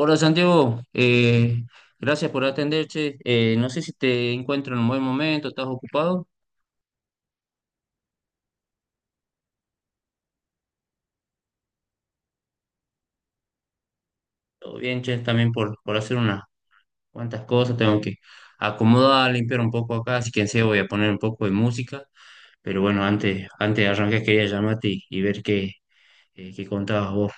Hola Santiago, gracias por atender, che. No sé si te encuentro en un buen momento, ¿estás ocupado? Todo bien, che, también por hacer unas cuantas cosas, tengo que acomodar, limpiar un poco acá, así que en serio voy a poner un poco de música, pero bueno, antes de arrancar quería llamarte y ver qué contabas vos.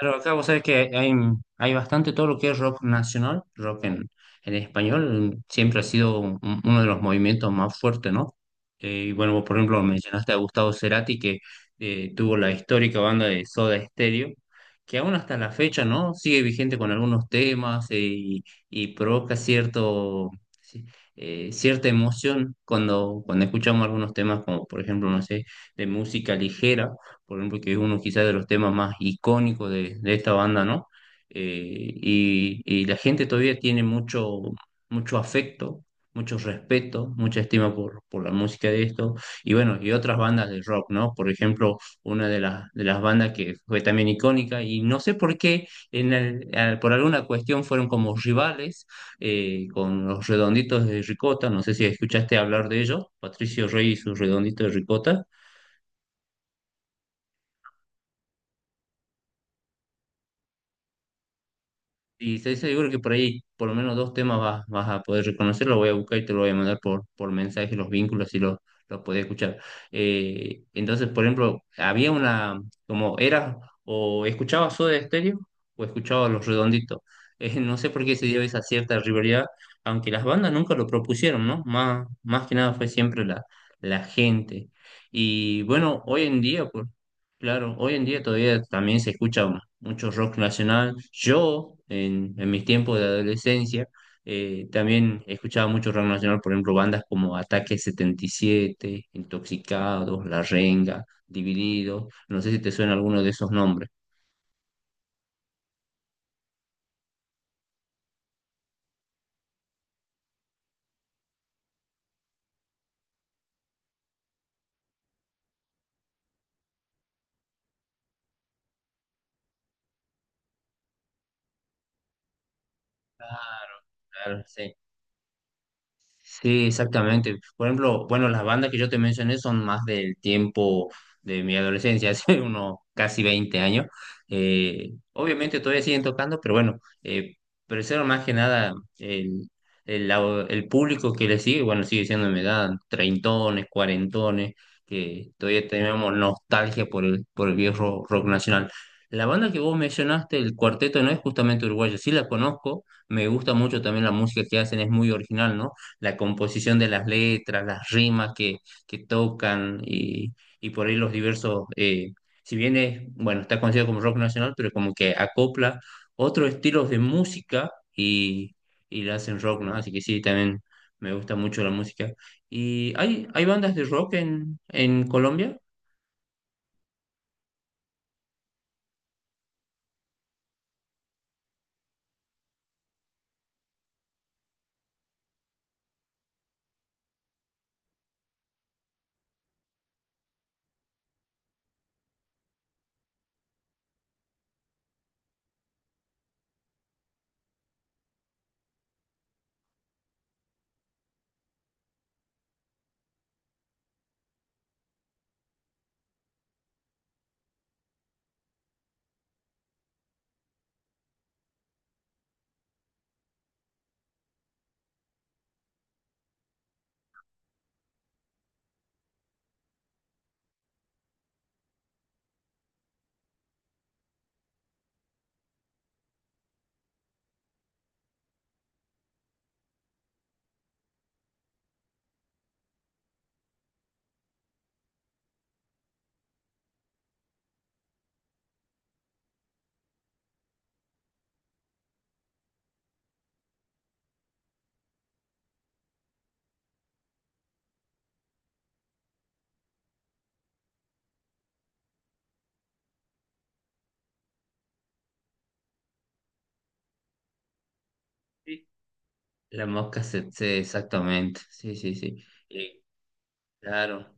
Claro, acá vos sabés que hay bastante todo lo que es rock nacional, rock en español, siempre ha sido un- uno de los movimientos más fuertes, ¿no? Y bueno, vos, por ejemplo, mencionaste a Gustavo Cerati, que tuvo la histórica banda de Soda Stereo, que aún hasta la fecha, ¿no? Sigue vigente con algunos temas y provoca sí, cierta emoción cuando escuchamos algunos temas, como por ejemplo, no sé, de música ligera por ejemplo, que es uno quizás de los temas más icónicos de esta banda, ¿no? Y la gente todavía tiene mucho, mucho afecto, mucho respeto, mucha estima por la música de esto, y bueno, y otras bandas de rock, ¿no? Por ejemplo, una de de las bandas que fue también icónica, y no sé por qué, por alguna cuestión fueron como rivales con los redonditos de ricota, no sé si escuchaste hablar de ellos, Patricio Rey y sus redonditos de ricota. Y estoy seguro que por ahí por lo menos dos temas vas a poder reconocer, lo voy a buscar y te lo voy a mandar por mensaje, los vínculos, si los, los podés escuchar. Entonces, por ejemplo, había una, como era, o escuchaba Soda Stereo o escuchaba Los Redonditos. No sé por qué se dio esa cierta rivalidad, aunque las bandas nunca lo propusieron, ¿no? Más que nada fue siempre la gente. Y bueno, hoy en día, pues, claro, hoy en día todavía también se escucha mucho rock nacional. Yo, en mis tiempos de adolescencia, también escuchaba mucho rock nacional, por ejemplo, bandas como Ataque 77, Intoxicados, La Renga, Divididos. No sé si te suena alguno de esos nombres. Claro, sí. Sí, exactamente. Por ejemplo, bueno, las bandas que yo te mencioné son más del tiempo de mi adolescencia, hace unos casi 20 años. Obviamente todavía siguen tocando, pero bueno, pero eso era más que nada el, el público que le sigue, bueno, sigue siendo de mi edad, treintones, cuarentones, que todavía tenemos nostalgia por el viejo rock nacional. La banda que vos mencionaste, el Cuarteto, no es justamente uruguayo, sí la conozco, me gusta mucho también la música que hacen, es muy original, ¿no? La composición de las letras, las rimas que tocan y por ahí los diversos, si bien es, bueno, está considerado como rock nacional, pero como que acopla otros estilos de música y, y le hacen rock, ¿no? Así que sí, también me gusta mucho la música. ¿Y hay bandas de rock en Colombia? Sí. La Mosca exactamente, sí, sí, sí. Eh, claro.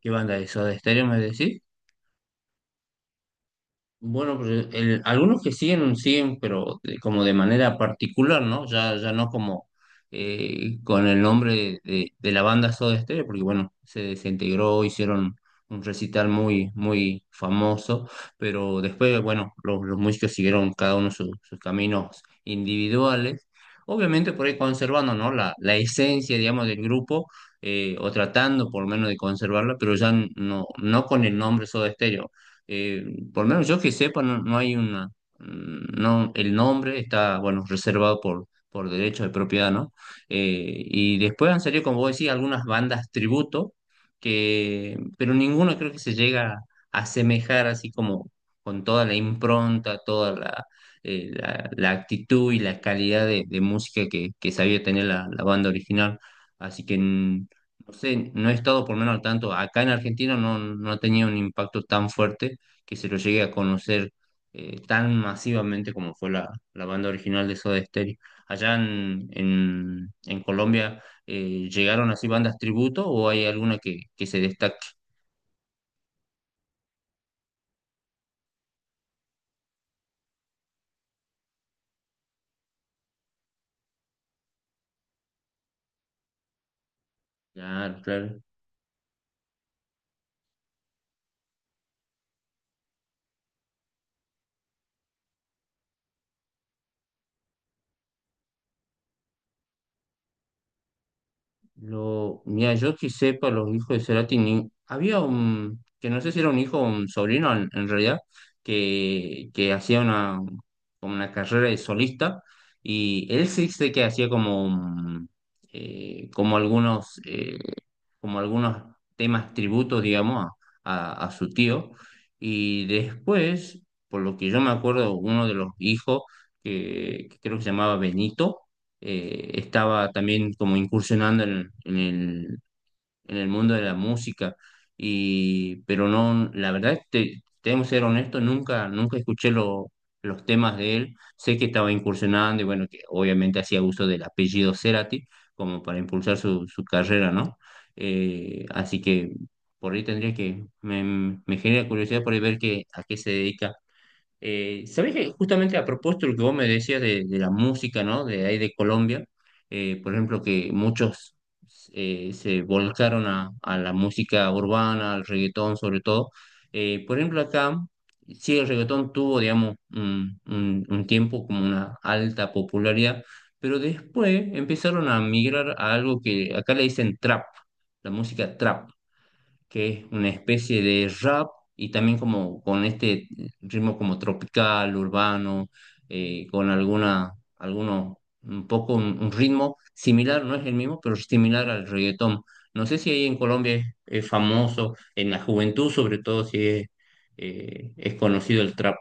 ¿Qué banda es? ¿Soda Stereo me decís? Bueno, pues algunos que siguen, siguen, pero como de manera particular, ¿no? Ya no como con el nombre de la banda Soda Stereo, porque bueno, se desintegró, hicieron un recital muy, muy famoso, pero después, bueno, los músicos siguieron cada uno sus caminos individuales, obviamente por ahí conservando, ¿no? La esencia, digamos, del grupo, o tratando por lo menos de conservarla, pero ya no, no con el nombre Soda Stereo. eh, por lo menos yo que sepa, no, no hay una, mm, no, el nombre está, bueno, reservado por derecho de propiedad, ¿no? Y después han salido, como vos decís, algunas bandas tributo, que, pero ninguno creo que se llega a asemejar así como con toda la impronta, la actitud y la calidad de música que sabía tener la banda original. Así que... mm, no sé, no he estado por lo menos al tanto. Acá en Argentina no, no ha tenido un impacto tan fuerte que se lo llegue a conocer tan masivamente como fue la banda original de Soda Stereo. ¿Allá en Colombia llegaron así bandas tributo o hay alguna que se destaque? Claro, claro. Lo, mira, yo que sepa, los hijos de Cerati, había un, que no sé si era un hijo o un sobrino en realidad, que hacía una, como una carrera de solista, y él sí sé que hacía como, un, eh, como algunos, eh, como algunos temas tributos, digamos, a, a su tío, y después, por lo que yo me acuerdo, uno de los hijos, que creo que se llamaba Benito, estaba también como incursionando en el mundo de la música, y, pero no, la verdad, es que tenemos que ser honestos, nunca escuché los temas de él, sé que estaba incursionando y bueno, que obviamente hacía uso del apellido Cerati como para impulsar su carrera, ¿no? Así que por ahí tendría que, me genera curiosidad por ahí ver que, a qué se dedica. ¿Sabés que justamente a propósito de lo que vos me decías de la música, ¿no? De ahí de Colombia, por ejemplo, que muchos se volcaron a la música urbana, al reggaetón sobre todo. Por ejemplo, acá, sí, el reggaetón tuvo, digamos, un tiempo como una alta popularidad, pero después empezaron a migrar a algo que acá le dicen trap, la música trap, que es una especie de rap y también como con este ritmo como tropical, urbano, con alguna, alguno, un poco un ritmo similar, no es el mismo, pero similar al reggaetón. No sé si ahí en Colombia es famoso, en la juventud sobre todo si es, es conocido el trap.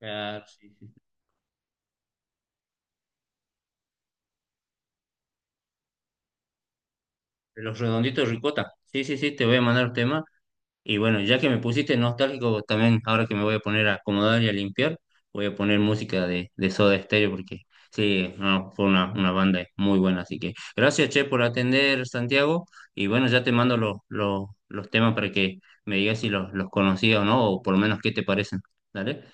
Ah, sí, sí. Los redonditos de ricota. Sí, sí, sí, te voy a mandar un tema. Y bueno, ya que me pusiste nostálgico, también ahora que me voy a poner a acomodar y a limpiar, voy a poner música de Soda Stereo porque sí, no, fue una banda muy buena. Así que gracias, Che, por atender, Santiago. Y bueno, ya te mando los temas para que me digas si los, los conocías o no, o por lo menos qué te parecen. ¿Dale?